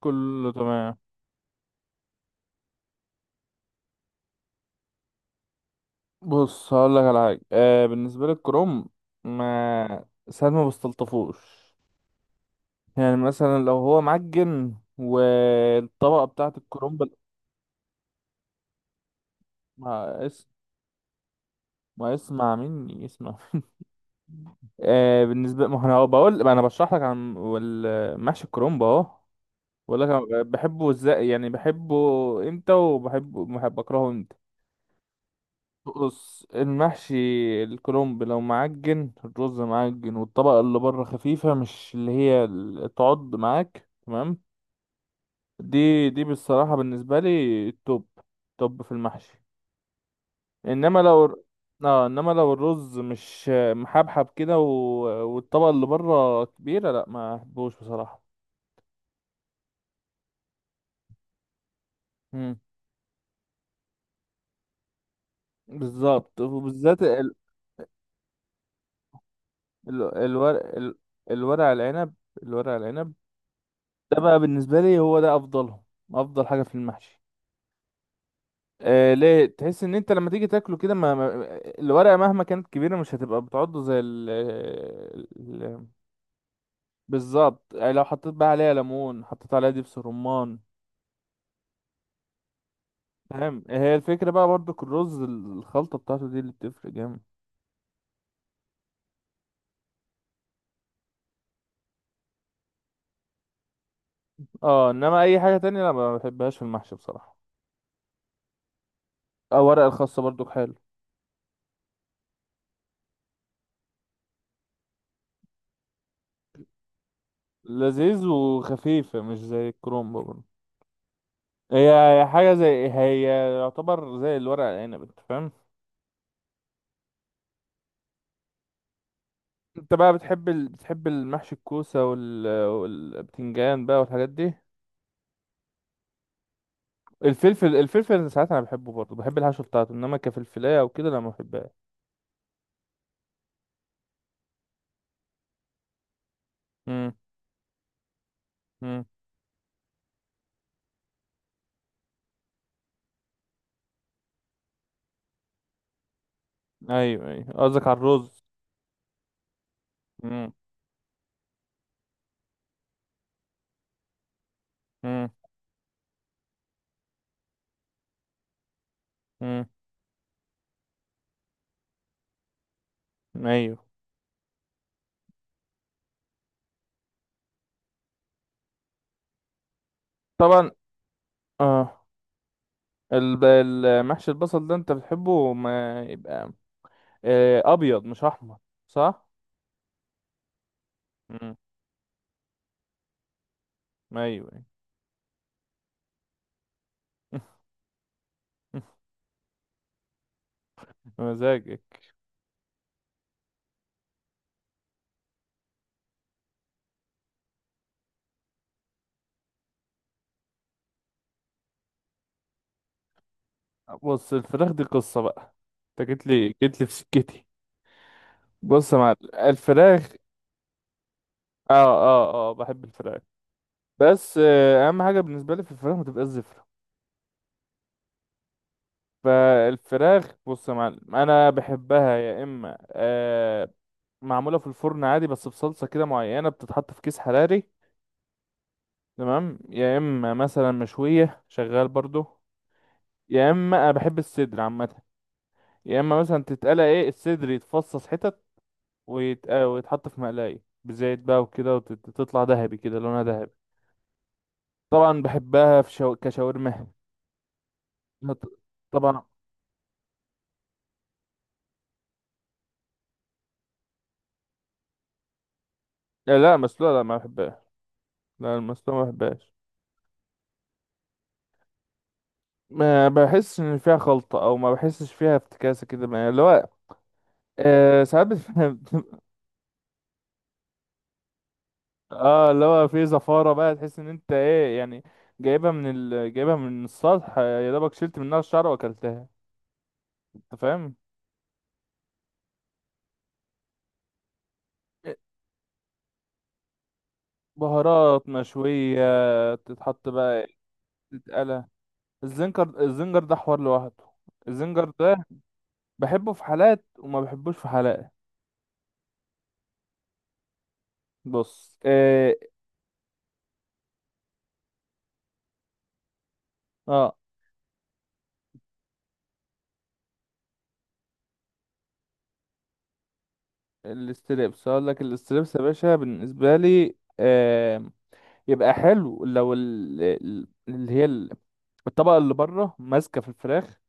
كله تمام. بص، هقول لك على حاجه. بالنسبه للكروم، ما ساعات ما بستلطفوش. يعني مثلا لو هو معجن، والطبقه بتاعه الكروم ما اس... ما اسمع مني، اسمع. بالنسبه، ما انا بشرح لك عن محشي الكرومب اهو. بقول لك أنا بحبه ازاي، يعني بحبه امتى، وبحبه، بحب اكرهه امتى. بص، المحشي الكرنب لو معجن، الرز معجن، والطبقة اللي بره خفيفة، مش اللي هي تعض معاك، تمام. دي بصراحة بالنسبة لي التوب توب في المحشي. انما لو اه انما لو الرز مش محبحب كده والطبقة اللي بره كبيرة، لا، ما احبوش بصراحة. مم. بالظبط، وبالذات الورق، الورق العنب الورق العنب ده بقى بالنسبة لي هو ده افضلهم، افضل حاجة في المحشي. ليه؟ تحس ان انت لما تيجي تاكله كده، الورقه مهما كانت كبيره مش هتبقى بتعضه زي ال- بالظبط. يعني لو حطيت بقى عليها ليمون، حطيت عليها دبس رمان، فاهم. هي الفكره بقى برضك، الرز، الخلطه بتاعته دي اللي بتفرق جامد. اه، انما اي حاجه تانية لا، ما بحبهاش في المحشي بصراحه. اه، ورق الخاصه برضك حلو، لذيذ وخفيفه، مش زي الكرومب برضه. هي هي حاجه، زي، هي يعتبر زي الورق العنب، انت فاهم. انت بقى بتحب المحشي الكوسة والبتنجان بقى والحاجات دي. الفلفل انا ساعات انا بحبه برضه، بحب الحشو بتاعته، انما كفلفلايه او كده لا، ما بحبهاش. امم، امم. ايوه، ايوه، قصدك على الرز. امم، امم. امم، ايوه، طبعا. اه، المحشي البصل ده انت بتحبه، ما يبقى ابيض مش احمر، صح؟ امم. ايوه، أيوة. مزاجك. بص، الفراخ دي قصة بقى. انت جيت لي في سكتي. بص يا معلم، الفراخ، اه، اه، اه، بحب الفراخ. بس اهم حاجه بالنسبه لي في الفراخ ما تبقاش زفره. فالفراخ، بص يا معلم، انا بحبها يا اما معموله في الفرن عادي، بس بصلصه كده معينه بتتحط في كيس حراري، تمام. يا اما مثلا مشويه، شغال برضو. يا اما انا بحب الصدر عامه. يا اما مثلا تتقلى، ايه، الصدر يتفصص حتت ويتحط في مقلايه بزيت بقى وكده، وتطلع ذهبي كده، لونها ذهبي. طبعا بحبها في كشاورما. ما ط- طبعا. لا، لا، مسلوقة لا، ما بحبهاش. لا، المسلوقة ما بحبهاش. ما بحسش ان فيها خلطة، او ما بحسش فيها افتكاسة كده، اللي هو ساعات اه، اللي هو في زفارة بقى، تحس ان انت ايه يعني، جايبها من السطح، يا دوبك شلت منها الشعر واكلتها، انت فاهم. بهارات مشوية، تتحط بقى، تتقلى. الزنجر ده حوار لوحده. الزنجر ده بحبه في حالات، وما بحبوش في حالات. بص. اه, آه. الاستريبس، هقول لك الاستريبس يا باشا بالنسبه لي، آه يبقى حلو لو الطبقه اللي بره ماسكه في الفراخ،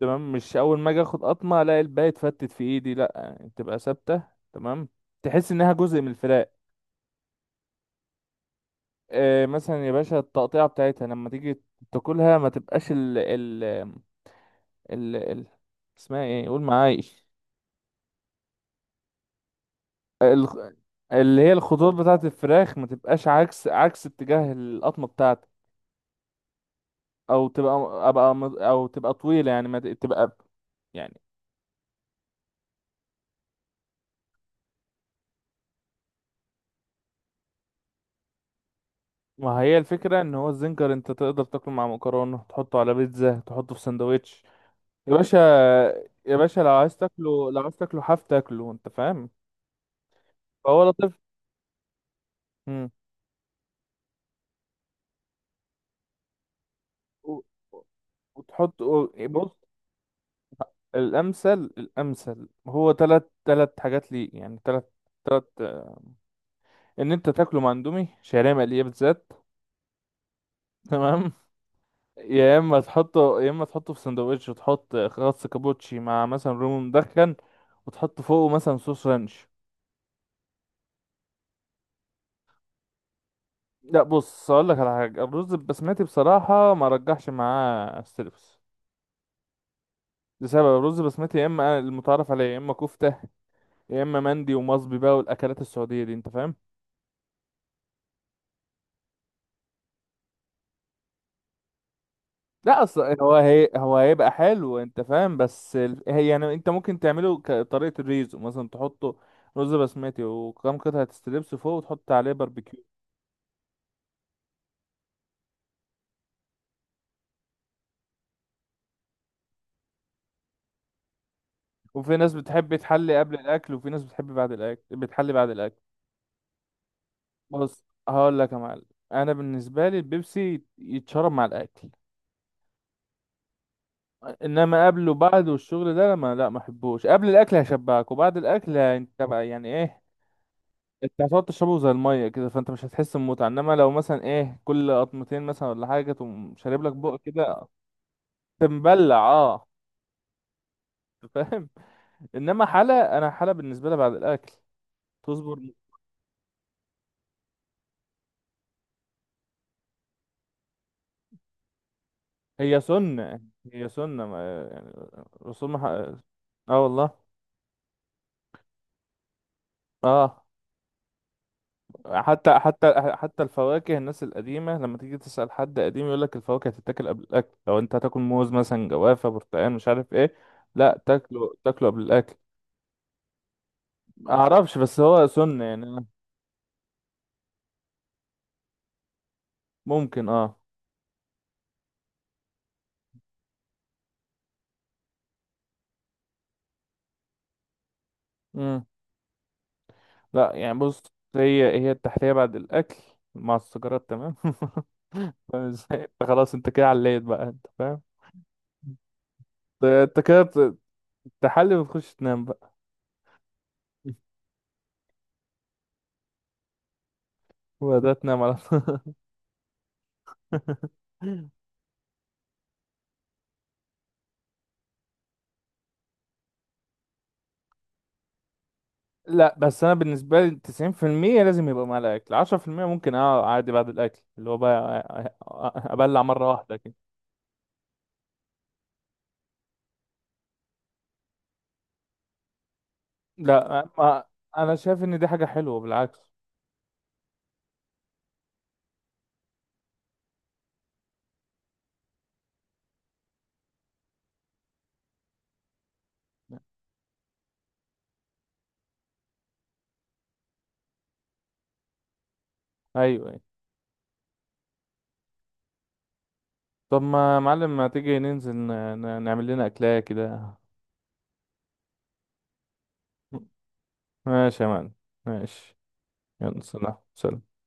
تمام، مش اول ما اجي اخد قطمه الاقي الباقي اتفتت في ايدي، لا، يعني تبقى ثابته، تمام، تحس انها جزء من الفراخ. مثلا يا باشا التقطيعه بتاعتها لما تيجي تاكلها، ما تبقاش ال, ال... اسمها ايه، قول معايا. الخ- اللي هي الخطوط بتاعت الفراخ ما تبقاش عكس اتجاه القطمه بتاعتك، او تبقى او تبقى طويله، يعني ما تبقى يعني. ما هي الفكره ان هو الزنجر انت تقدر تاكله مع مكرونه، تحطه على بيتزا، تحطه في سندوتش، يا باشا. يا باشا، لو عايز تاكله حاف، تاكله، انت فاهم، فهو لطيف. مم. و- وتحط بص، الامثل هو تلات، تلات حاجات لي، يعني تلات، تلات، ان انت تاكله مع اندومي شعريه مقليه بالذات، تمام. يا اما تحطه، يا اما تحطه في سندوتش وتحط خس كابوتشي مع مثلا رومي مدخن، وتحط فوقه مثلا صوص رانش. لا، بص، اقول لك على حاجه، الرز البسمتي بصراحه ما رجحش معاه الستريبس، لسبب، الرز البسمتي يا اما المتعارف عليه، يا اما كفته، يا اما مندي ومصبي بقى، والاكلات السعوديه دي، انت فاهم. لا، اصل هو هيبقى حلو، انت فاهم، بس هي يعني، انت ممكن تعمله كطريقه الريزو مثلا، تحطه رز بسمتي وكم قطعه ستريبس فوق، وتحط عليه باربيكيو. وفي ناس بتحب تحلي قبل الاكل، وفي ناس بتحب بعد الاكل بتحلي بعد الاكل. بص، هقول لك يا معلم، انا بالنسبه لي البيبسي يتشرب مع الاكل. انما قبله بعده والشغل ده، ما لا، ما احبوش. قبل الاكل هيشبعك، وبعد الاكل انت بقى يعني ايه، انت هتقعد تشربه زي الميه كده، فانت مش هتحس بمتعه. انما لو مثلا، ايه، كل قطمتين مثلا ولا حاجه تقوم شارب لك بق كده، تمبلع، اه، فاهم. انما حلا، انا حلا بالنسبه لي بعد الاكل. تصبر. هي سنة هي سنة رسول مح... اه، والله. اه، حتى الفواكه، الناس القديمة لما تيجي تسأل حد قديم يقول لك الفواكه هتتاكل قبل الأكل. لو أنت هتاكل موز مثلا، جوافة، برتقال، مش عارف إيه، لا، تاكله، تاكله قبل الأكل. معرفش، بس هو سنة يعني، ممكن، اه. مم. لا يعني، بص، هي التحلية بعد الأكل مع السيجارات، تمام. فاهم ازاي؟ انت خلاص، انت كده عليت بقى، انت فاهم. انت كده تحلي وتخش تنام بقى. وده تنام على طول. لا، بس انا بالنسبه لي 90% لازم يبقى مع الاكل، 10% ممكن، اه، عادي بعد الاكل، اللي هو بقى ابلع مره واحده كده. لا، ما انا شايف ان دي حاجه حلوه بالعكس. ايوه، أيوة. طب ما يا معلم، ما تيجي ننزل نعمل لنا اكلايه كده. ماشي يا معلم، ماشي. يلا، سلام، سلام.